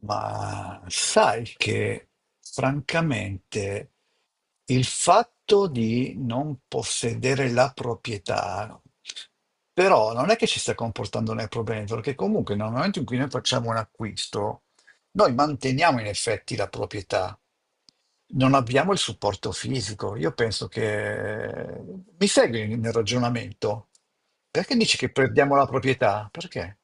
Ma sai che francamente il fatto di non possedere la proprietà, però non è che ci sta comportando nel problema, perché comunque nel momento in cui noi facciamo un acquisto, noi manteniamo in effetti la proprietà. Non abbiamo il supporto fisico. Io penso che. Mi segui nel ragionamento? Perché dici che perdiamo la proprietà? Perché?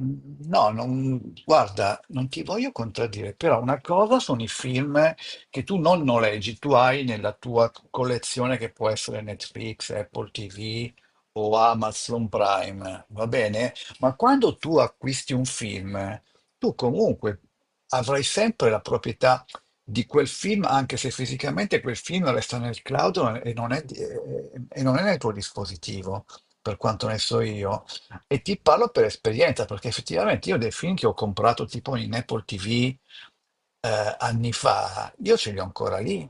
No, non, guarda, non ti voglio contraddire, però una cosa sono i film che tu non noleggi, tu hai nella tua collezione che può essere Netflix, Apple TV o Amazon Prime, va bene? Ma quando tu acquisti un film, tu comunque avrai sempre la proprietà di quel film, anche se fisicamente quel film resta nel cloud e non è nel tuo dispositivo, per quanto ne so io. E ti parlo per esperienza, perché effettivamente io dei film che ho comprato tipo in Apple TV anni fa, io ce li ho ancora lì.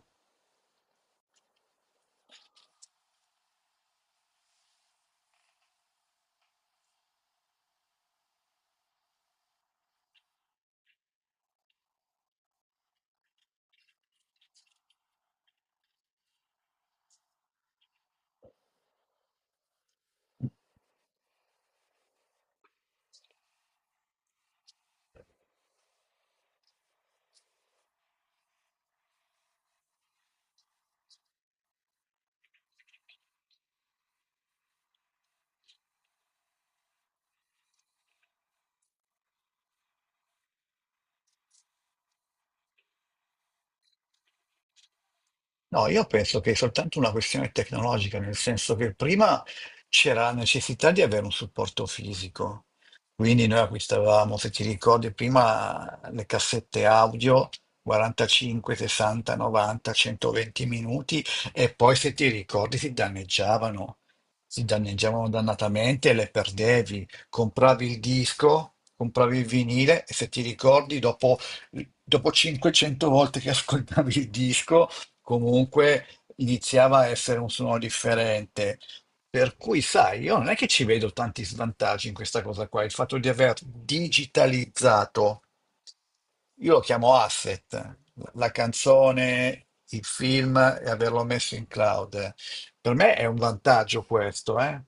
No, io penso che è soltanto una questione tecnologica, nel senso che prima c'era la necessità di avere un supporto fisico. Quindi noi acquistavamo, se ti ricordi, prima le cassette audio 45, 60, 90, 120 minuti e poi se ti ricordi si danneggiavano dannatamente e le perdevi. Compravi il disco, compravi il vinile e se ti ricordi dopo 500 volte che ascoltavi il disco, comunque iniziava a essere un suono differente. Per cui, sai, io non è che ci vedo tanti svantaggi in questa cosa qua, il fatto di aver digitalizzato, io lo chiamo asset, la canzone, il film e averlo messo in cloud. Per me è un vantaggio questo, eh?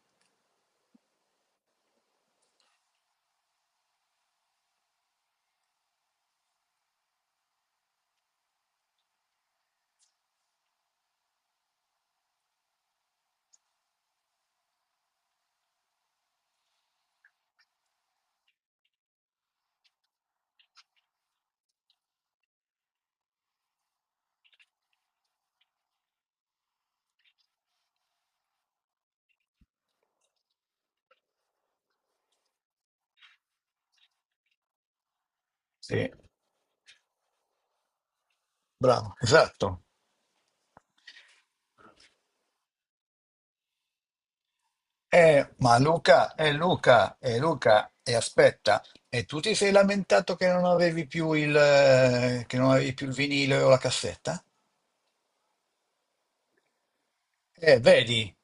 Sì, bravo, esatto. Ma Luca, Luca, Luca, e aspetta, e tu ti sei lamentato che non avevi più il vinile o la cassetta? Vedi.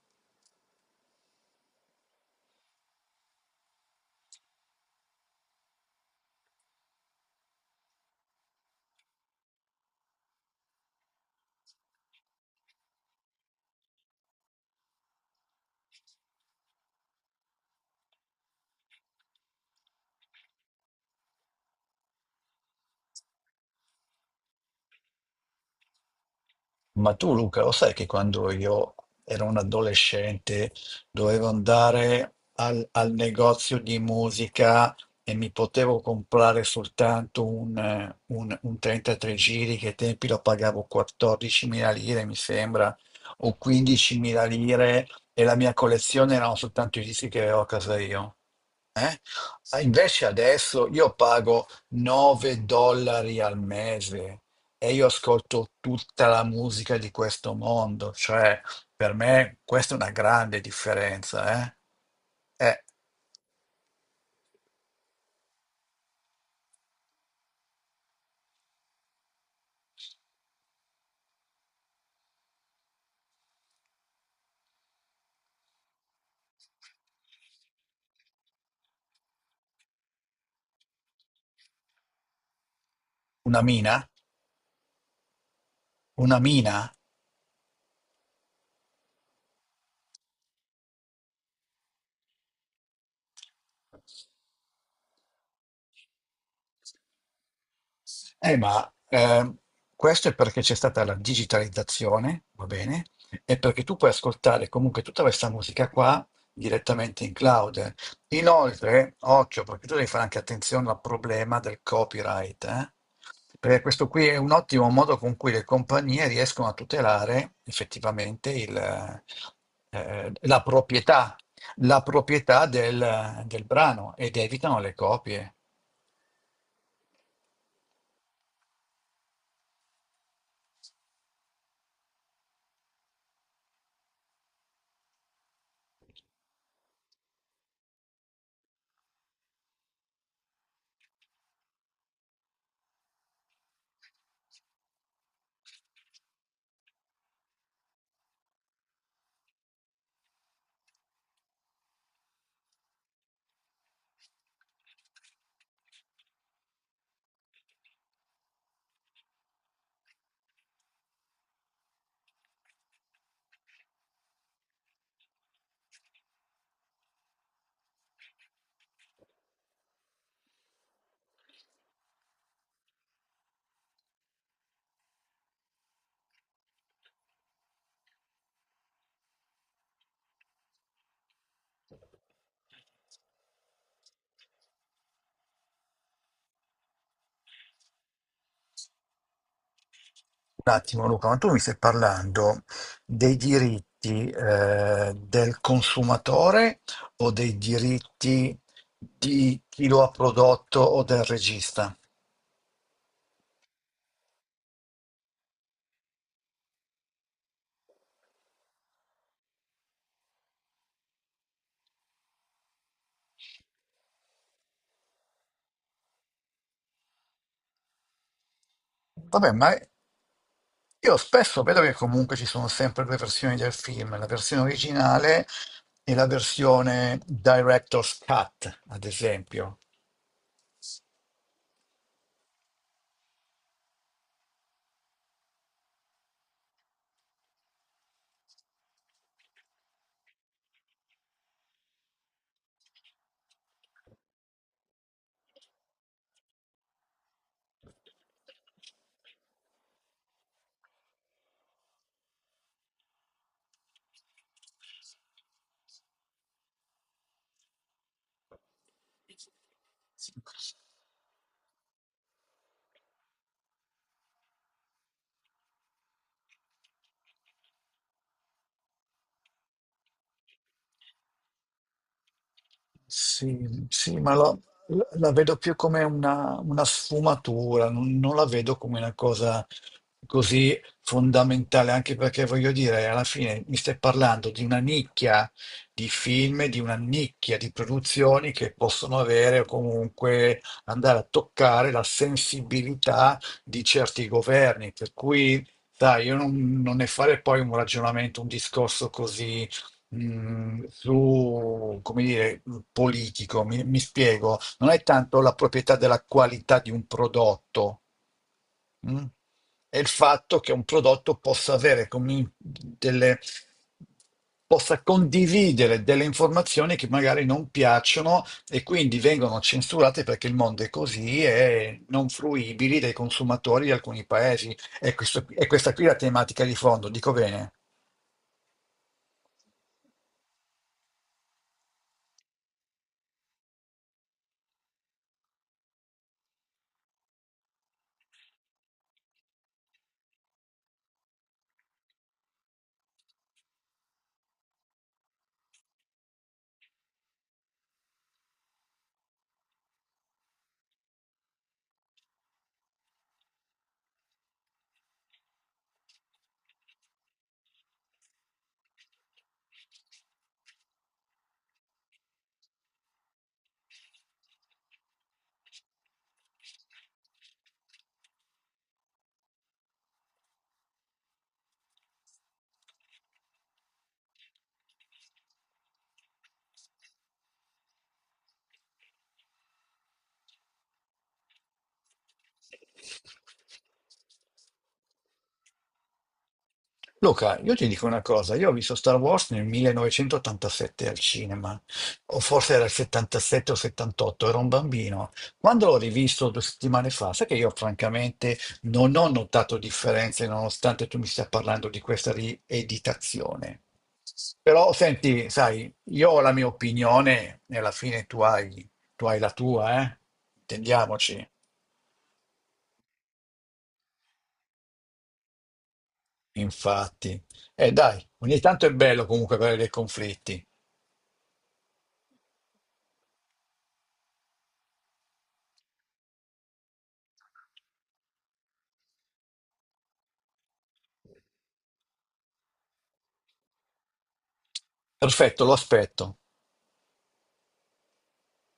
Ma tu, Luca, lo sai che quando io ero un adolescente dovevo andare al negozio di musica e mi potevo comprare soltanto un 33 giri, che ai tempi lo pagavo 14.000 lire, mi sembra, o 15.000 lire, e la mia collezione erano soltanto i dischi che avevo a casa io. Eh? Ah, invece adesso io pago 9 dollari al mese. E io ascolto tutta la musica di questo mondo, cioè per me questa è una grande differenza, eh? È una mina, una mina. Ma questo è perché c'è stata la digitalizzazione, va bene? E perché tu puoi ascoltare comunque tutta questa musica qua direttamente in cloud. Inoltre, occhio, perché tu devi fare anche attenzione al problema del copyright, eh? Perché questo qui è un ottimo modo con cui le compagnie riescono a tutelare effettivamente la proprietà del brano ed evitano le copie. Un attimo, Luca, ma tu mi stai parlando dei diritti del consumatore o dei diritti di chi lo ha prodotto o del regista? Vabbè, ma io spesso vedo che comunque ci sono sempre due versioni del film, la versione originale e la versione director's cut, ad esempio. Sì, sì, ma la vedo più come una sfumatura, non la vedo come una cosa così fondamentale, anche perché voglio dire, alla fine mi stai parlando di una nicchia di film, di una nicchia di produzioni che possono avere o comunque andare a toccare la sensibilità di certi governi, per cui, sai, io non ne fare poi un ragionamento, un discorso così su, come dire, politico, mi spiego, non è tanto la proprietà della qualità di un prodotto, mh? È il fatto che un prodotto possa condividere delle informazioni che magari non piacciono e quindi vengono censurate perché il mondo è così e non fruibili dai consumatori di alcuni paesi. E questa qui è la tematica di fondo, dico bene. Luca, io ti dico una cosa, io ho visto Star Wars nel 1987 al cinema, o forse era il 77 o 78, ero un bambino. Quando l'ho rivisto 2 settimane fa, sai che io francamente non ho notato differenze nonostante tu mi stia parlando di questa rieditazione. Però senti, sai, io ho la mia opinione e alla fine tu hai la tua, eh? Intendiamoci, infatti. E dai, ogni tanto è bello comunque avere dei conflitti. Perfetto, lo aspetto.